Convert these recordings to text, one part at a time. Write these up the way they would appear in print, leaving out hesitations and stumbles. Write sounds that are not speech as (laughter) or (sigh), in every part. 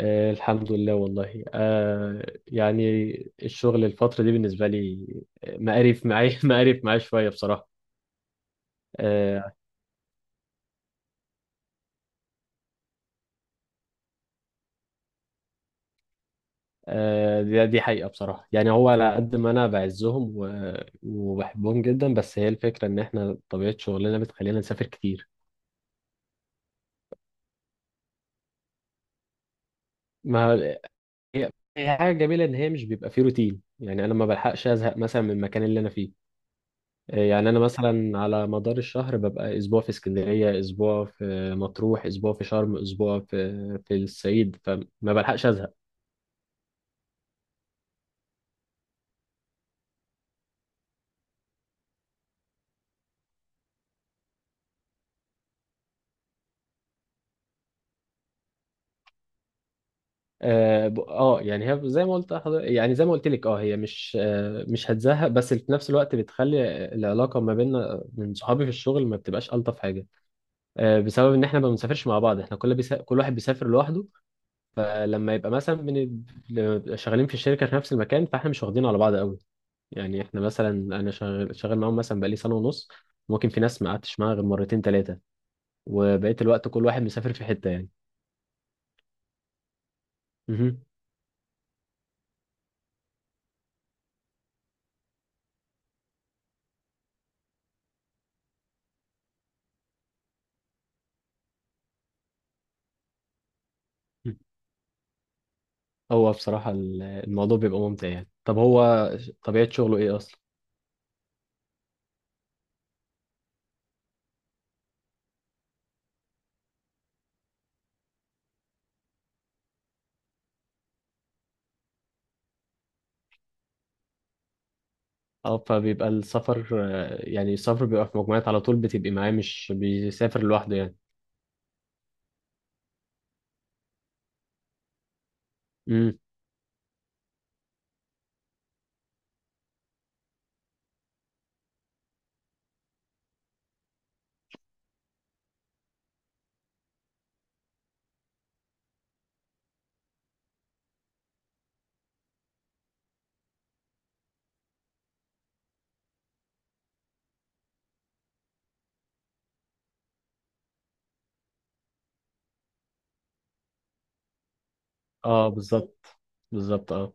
آه، الحمد لله والله. الشغل الفترة دي بالنسبة لي، مقرف معايا (laughs) مقرف معايا شوية بصراحة. آه دي حقيقة بصراحة. يعني هو على قد ما أنا بعزهم وبحبهم جدا، بس هي الفكرة إن إحنا طبيعة شغلنا بتخلينا نسافر كتير. ما هي هي حاجة جميلة إن هي مش بيبقى فيه روتين، يعني أنا ما بلحقش أزهق مثلا من المكان اللي أنا فيه. يعني انا مثلا على مدار الشهر ببقى اسبوع في اسكندريه، اسبوع في مطروح، اسبوع في شرم، اسبوع في الصعيد، فما بلحقش ازهق. يعني هي زي ما قلت حضر- يعني زي ما قلت لك هي مش مش هتزهق، بس في نفس الوقت بتخلي العلاقه ما بيننا من صحابي في الشغل ما بتبقاش الطف حاجه. بسبب ان احنا ما بنسافرش مع بعض، احنا كل واحد بيسافر لوحده. فلما يبقى مثلا شغالين في الشركه في نفس المكان، فاحنا مش واخدين على بعض قوي. يعني احنا مثلا انا شغال معاهم مثلا بقالي سنه ونص، ممكن في ناس ما قعدتش معاها غير مرتين ثلاثه، وبقيت الوقت كل واحد مسافر في حته يعني. مهم. هو بصراحه الموضوع بيبقى ممتع. يعني طب هو طبيعه شغله ايه اصلا؟ اه فبيبقى السفر، يعني السفر بيبقى في مجموعات على طول، بتبقي معاه مش بيسافر لوحده يعني. امم. اه بالظبط، بالظبط اه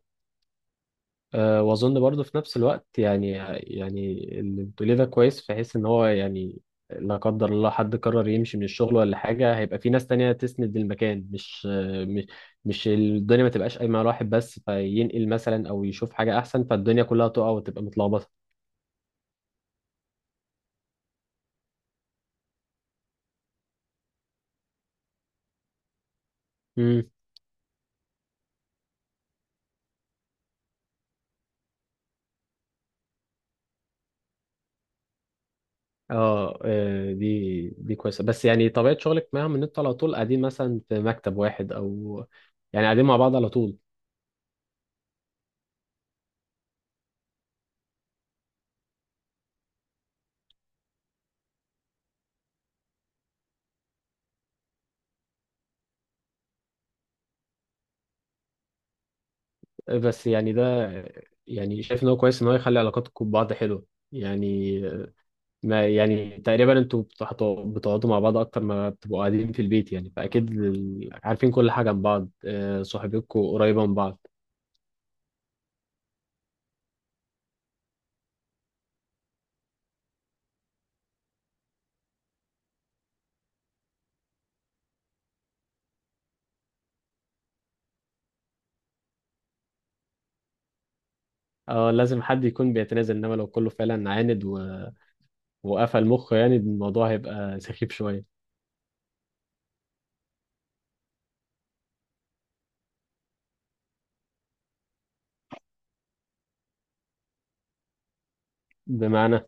واظن برضه في نفس الوقت يعني. يعني اللي بتقوليه ده كويس، في حيث ان هو يعني لا قدر الله حد قرر يمشي من الشغل ولا حاجه، هيبقى في ناس تانية تسند المكان. مش آه، مش مش الدنيا ما تبقاش قايمه على واحد بس، فينقل مثلا او يشوف حاجه احسن فالدنيا كلها تقع وتبقى متلخبطه. امم. دي كويسه. بس يعني طبيعه شغلك معاهم ان انتوا على طول قاعدين مثلا في مكتب واحد، او يعني قاعدين مع بعض على طول؟ بس يعني ده، يعني شايف ان هو كويس ان هو يخلي علاقاتكم ببعض حلوه يعني. ما يعني تقريبا انتوا بتقعدوا مع بعض اكتر ما بتبقوا قاعدين في البيت يعني، فاكيد عارفين كل حاجه عن بعض، صحبتكم قريبه من بعض. اه لازم حد يكون بيتنازل، انما لو كله فعلا عاند وقفل مخه، يعني الموضوع هيبقى سخيف شويه. بمعنى؟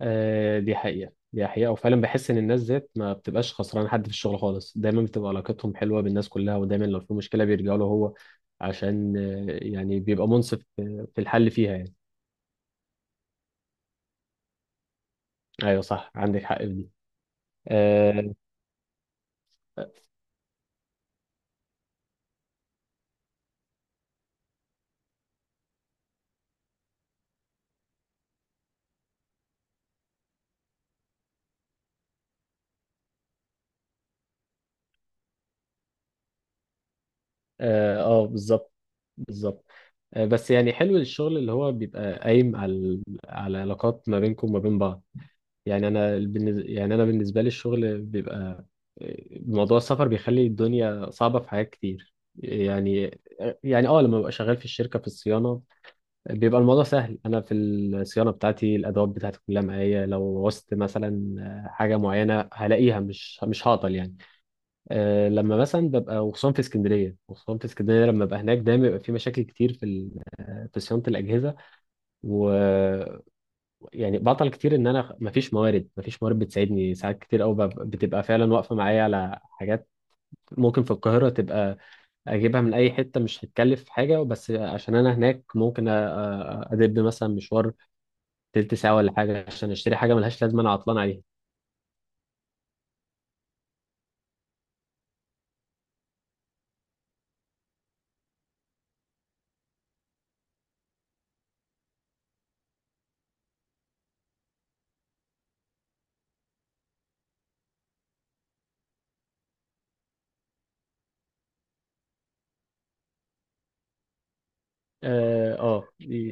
دي حقيقة، دي حقيقة. وفعلا بحس إن الناس ذات ما بتبقاش خسرانة حد في الشغل خالص، دايما بتبقى علاقتهم حلوة بالناس كلها، ودايما لو في مشكلة بيرجعوا له هو. عشان يعني بيبقى منصف في الحل فيها يعني. أيوة صح، عندك حق في دي. آه، آه، آه، بالظبط، بالظبط. بس يعني حلو الشغل اللي هو بيبقى قايم على علاقات ما بينكم وما بين بعض يعني. انا يعني انا بالنسبه لي الشغل بيبقى، موضوع السفر بيخلي الدنيا صعبه في حاجات كتير لما ببقى شغال في الشركه في الصيانه، بيبقى الموضوع سهل. انا في الصيانه بتاعتي الادوات بتاعتي كلها معايا، لو وصت مثلا حاجه معينه هلاقيها، مش هعطل يعني. لما مثلا ببقى، وخصوصا في اسكندريه، لما ببقى هناك دايما بيبقى في مشاكل كتير في صيانه الاجهزه و... يعني بعطل كتير، ان انا مفيش موارد، بتساعدني. ساعات كتير قوي بتبقى فعلا واقفه معايا على حاجات ممكن في القاهره تبقى اجيبها من اي حته مش هتكلف حاجه، بس عشان انا هناك ممكن ادب مثلا مشوار تلت ساعه ولا حاجه عشان اشتري حاجه ملهاش لازمه، انا عطلان عليها. اه آه،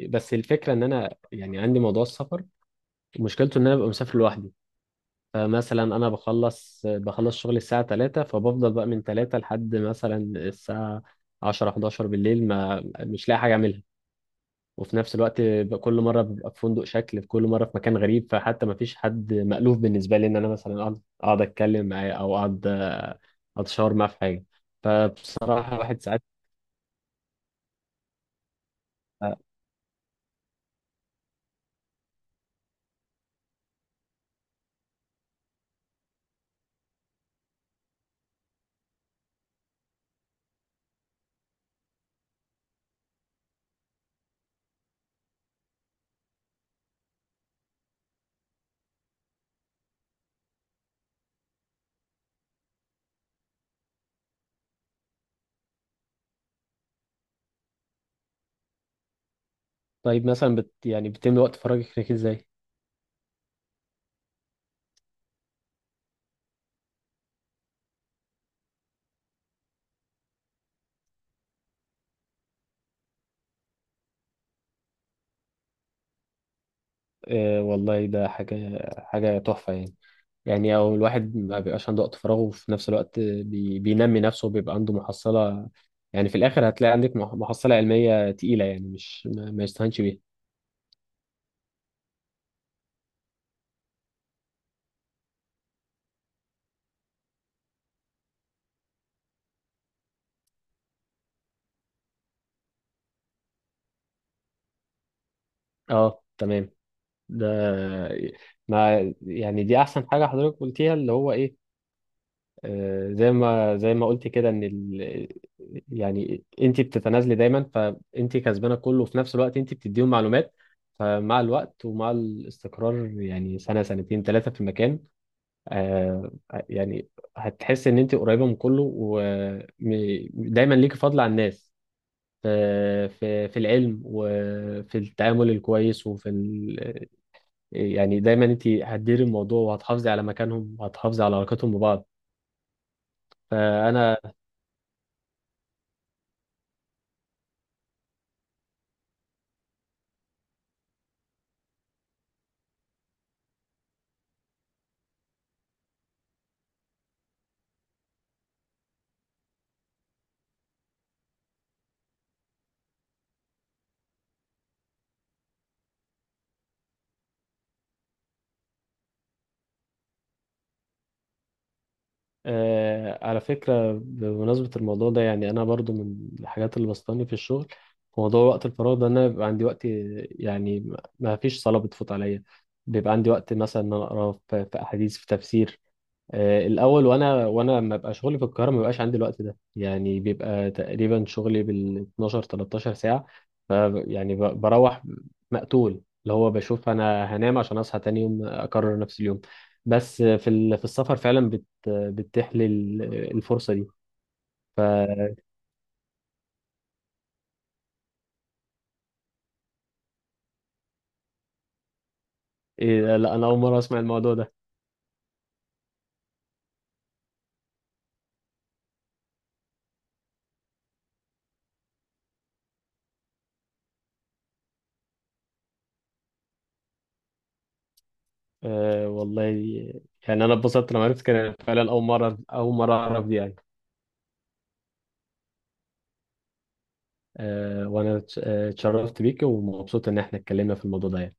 بس الفكره ان انا يعني عندي موضوع السفر، مشكلته ان انا ببقى مسافر لوحدي. فمثلا انا بخلص شغل الساعة 3، فبفضل بقى من 3 لحد مثلا الساعة 10 11 بالليل ما مش لاقي حاجة اعملها. وفي نفس الوقت كل مرة ببقى في فندق شكل في كل مرة، في مكان غريب، فحتى ما فيش حد مألوف بالنسبة لي ان انا مثلا اقعد اتكلم معاه او اقعد اتشاور معاه في حاجة. فبصراحة الواحد ساعات. طيب مثلا يعني بتملي وقت فراغك ازاي؟ والله ده حاجة تحفة يعني. يعني او الواحد ما بيبقاش عنده وقت فراغ، وفي نفس الوقت بينمي نفسه وبيبقى عنده محصلة. يعني في الاخر هتلاقي عندك محصلة علمية تقيلة، يعني مش ما يستهانش بيها. اه، تمام ده. ما يعني دي احسن حاجة حضرتك قلتيها، اللي هو ايه، زي ما قلت كده ان يعني انت بتتنازلي دايما فانت كسبانة كله، وفي نفس الوقت انت بتديهم معلومات. فمع الوقت ومع الاستقرار يعني سنة سنتين ثلاثة في المكان، آه، يعني هتحس ان انت قريبه من كله، ودايما ليكي فضل على الناس في في العلم وفي التعامل الكويس وفي ال... آه، يعني دايما انت هتديري الموضوع وهتحافظي على مكانهم وهتحافظي على علاقتهم ببعض. فانا على فكره بمناسبه الموضوع ده، يعني انا برضو من الحاجات اللي بسطاني في الشغل في موضوع وقت الفراغ ده، ان انا بيبقى عندي وقت يعني ما فيش صلاه بتفوت عليا. بيبقى عندي وقت مثلا ان انا اقرا في احاديث في تفسير، الاول. وانا لما ببقى شغلي في القاهره ما بيبقاش عندي الوقت ده يعني، بيبقى تقريبا شغلي بال 12 13 ساعه، ف يعني بروح مقتول، اللي هو بشوف انا هنام عشان اصحى تاني يوم اكرر نفس اليوم. بس في السفر فعلا بتتيح لي الفرصه دي. إيه ده؟ لا انا اول مره اسمع الموضوع ده. والله يعني انا اتبسطت لما عرفت كده، فعلا اول مره اعرف دي يعني. وانا اتشرفت بيك ومبسوط ان احنا اتكلمنا في الموضوع ده يعني.